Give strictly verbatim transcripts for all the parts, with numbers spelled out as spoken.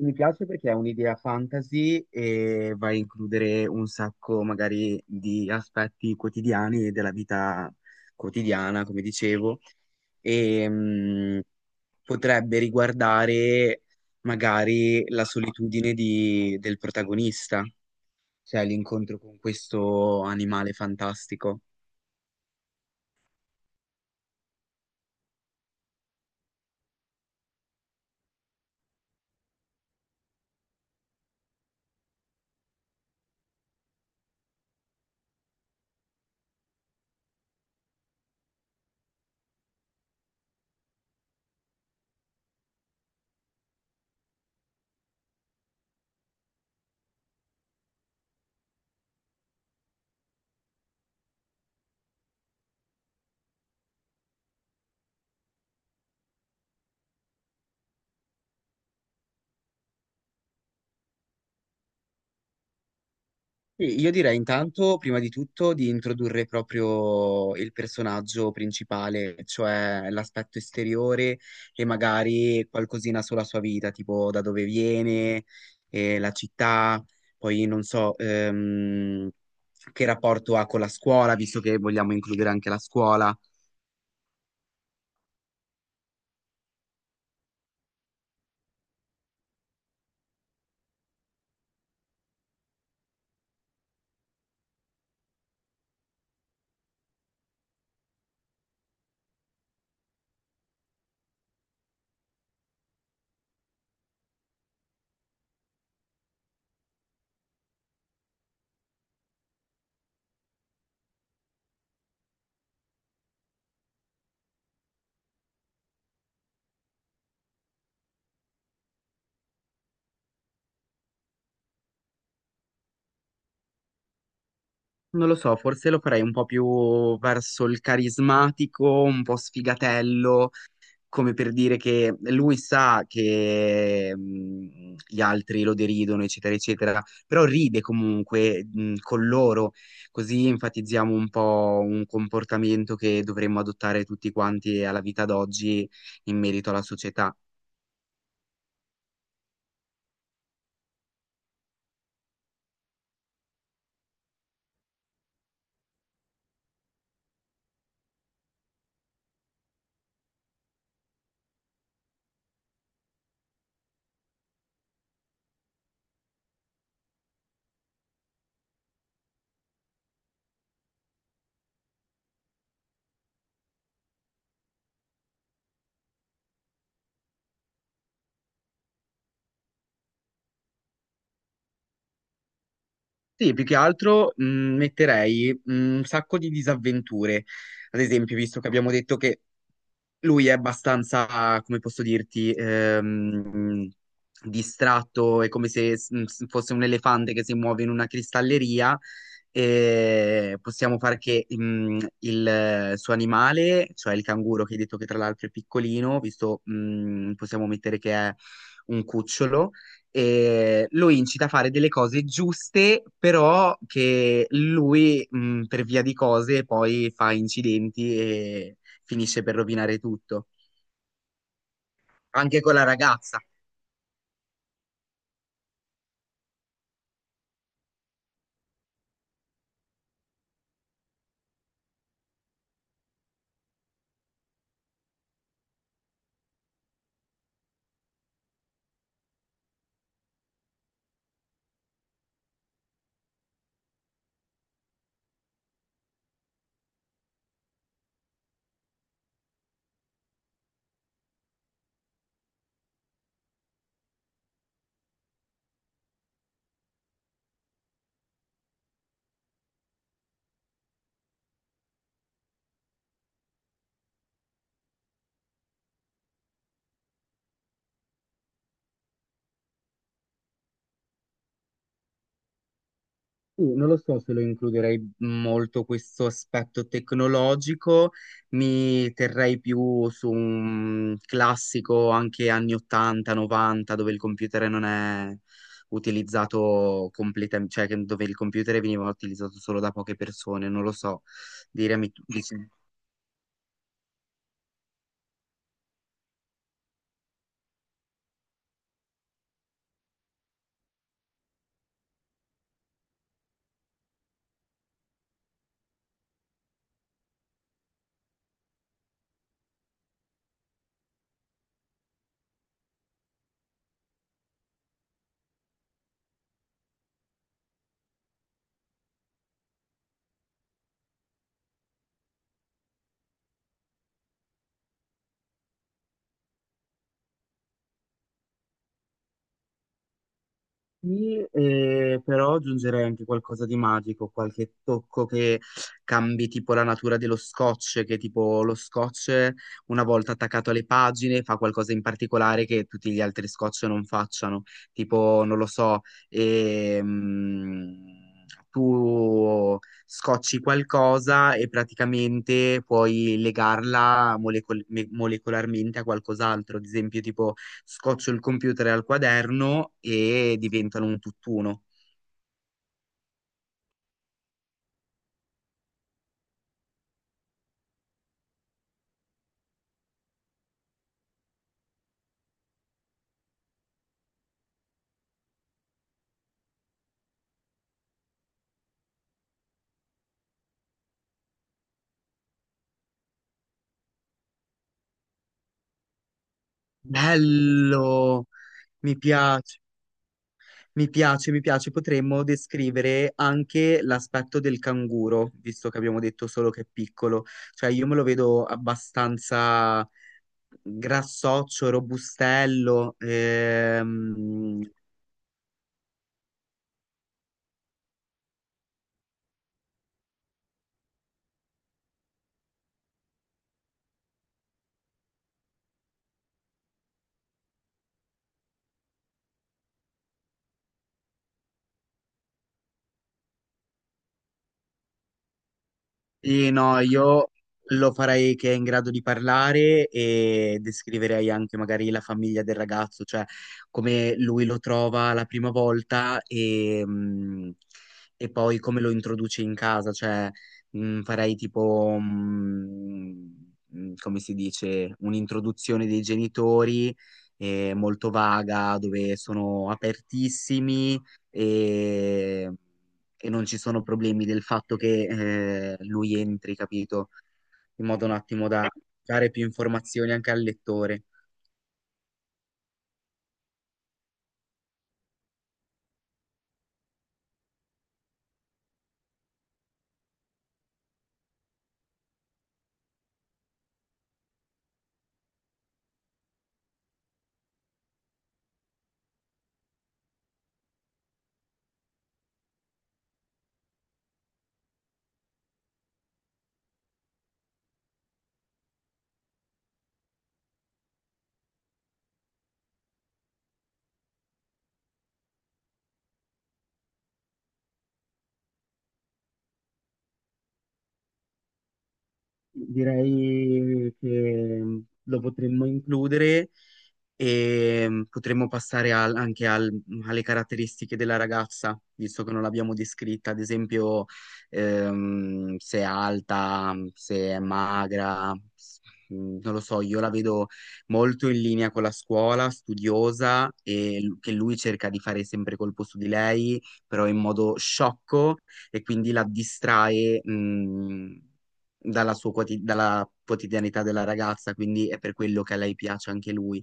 Mi piace perché è un'idea fantasy e va a includere un sacco magari di aspetti quotidiani e della vita quotidiana, come dicevo, e mh, potrebbe riguardare magari la solitudine di- del protagonista, cioè l'incontro con questo animale fantastico. Sì, io direi intanto, prima di tutto, di introdurre proprio il personaggio principale, cioè l'aspetto esteriore e magari qualcosina sulla sua vita, tipo da dove viene, eh, la città, poi non so, ehm, che rapporto ha con la scuola, visto che vogliamo includere anche la scuola. Non lo so, forse lo farei un po' più verso il carismatico, un po' sfigatello, come per dire che lui sa che mh, gli altri lo deridono, eccetera, eccetera, però ride comunque mh, con loro, così enfatizziamo un po' un comportamento che dovremmo adottare tutti quanti alla vita d'oggi in merito alla società. Sì, più che altro mh, metterei mh, un sacco di disavventure. Ad esempio, visto che abbiamo detto che lui è abbastanza, come posso dirti, ehm, distratto, è come se s- mm, s- fosse un elefante che si muove in una cristalleria, e possiamo fare che mm, il eh, suo animale, cioè il canguro che hai detto che tra l'altro è piccolino, visto mm, possiamo mettere che è un cucciolo, e lo incita a fare delle cose giuste, però che lui mm, per via di cose poi fa incidenti e finisse per rovinare tutto. Anche con la ragazza. Uh, non lo so se lo includerei molto questo aspetto tecnologico, mi terrei più su un classico anche anni ottanta, novanta, dove il computer non è utilizzato completamente, cioè che- dove il computer veniva utilizzato solo da poche persone, non lo so. Diremi tu, dici- sì, eh, però aggiungerei anche qualcosa di magico, qualche tocco che cambi tipo la natura dello scotch, che tipo lo scotch, una volta attaccato alle pagine, fa qualcosa in particolare che tutti gli altri scotch non facciano, tipo non lo so, ehm, tu scocci qualcosa e praticamente puoi legarla molecol- me- molecolarmente a qualcos'altro, ad esempio tipo scoccio il computer al quaderno e diventano un tutt'uno. Bello! Mi piace, mi piace, mi piace. Potremmo descrivere anche l'aspetto del canguro, visto che abbiamo detto solo che è piccolo. Cioè, io me lo vedo abbastanza grassoccio, robustello, ehm. Sì, no, io lo farei che è in grado di parlare e descriverei anche magari la famiglia del ragazzo, cioè come lui lo trova la prima volta e, mh, e poi come lo introduce in casa, cioè mh, farei tipo, mh, mh, come si dice, un'introduzione dei genitori, eh, molto vaga, dove sono apertissimi e e non ci sono problemi del fatto che eh, lui entri, capito? In modo un attimo da dare più informazioni anche al lettore. Direi che mm, lo potremmo includere e mm, potremmo passare al- anche al- mm, alle caratteristiche della ragazza, visto che non l'abbiamo descritta, ad esempio ehm, se è alta, mm, se è magra, s- mm, non lo so, io la vedo molto in linea con la scuola, studiosa, e l- che lui cerca di fare sempre colpo su di lei, però in modo sciocco, e quindi la distrae mm, dalla sua quoti- dalla quotidianità della ragazza, quindi è per quello che a lei piace anche lui.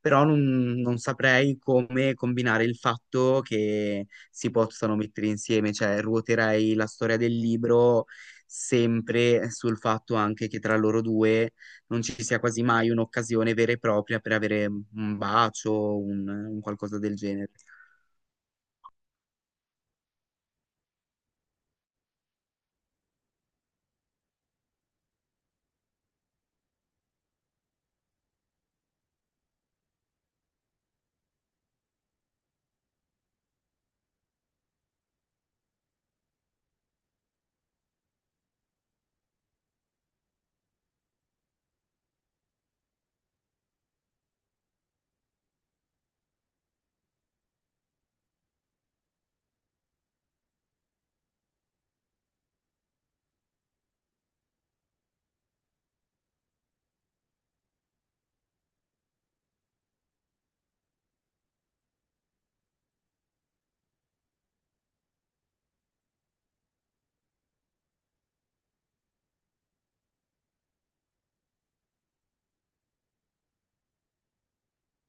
Però non, non saprei come combinare il fatto che si possano mettere insieme, cioè ruoterei la storia del libro sempre sul fatto anche che tra loro due non ci sia quasi mai un'occasione vera e propria per avere un bacio, un un qualcosa del genere.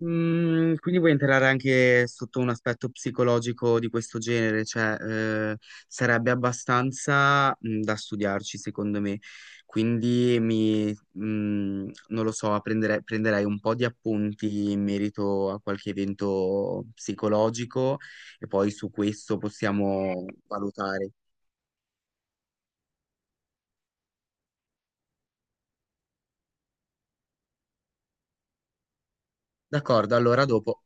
Mm, quindi vuoi entrare anche sotto un aspetto psicologico di questo genere, cioè eh, sarebbe abbastanza mm, da studiarci secondo me, quindi mi, mm, non lo so, prendere- prenderei un po' di appunti in merito a qualche evento psicologico e poi su questo possiamo valutare. D'accordo, allora dopo.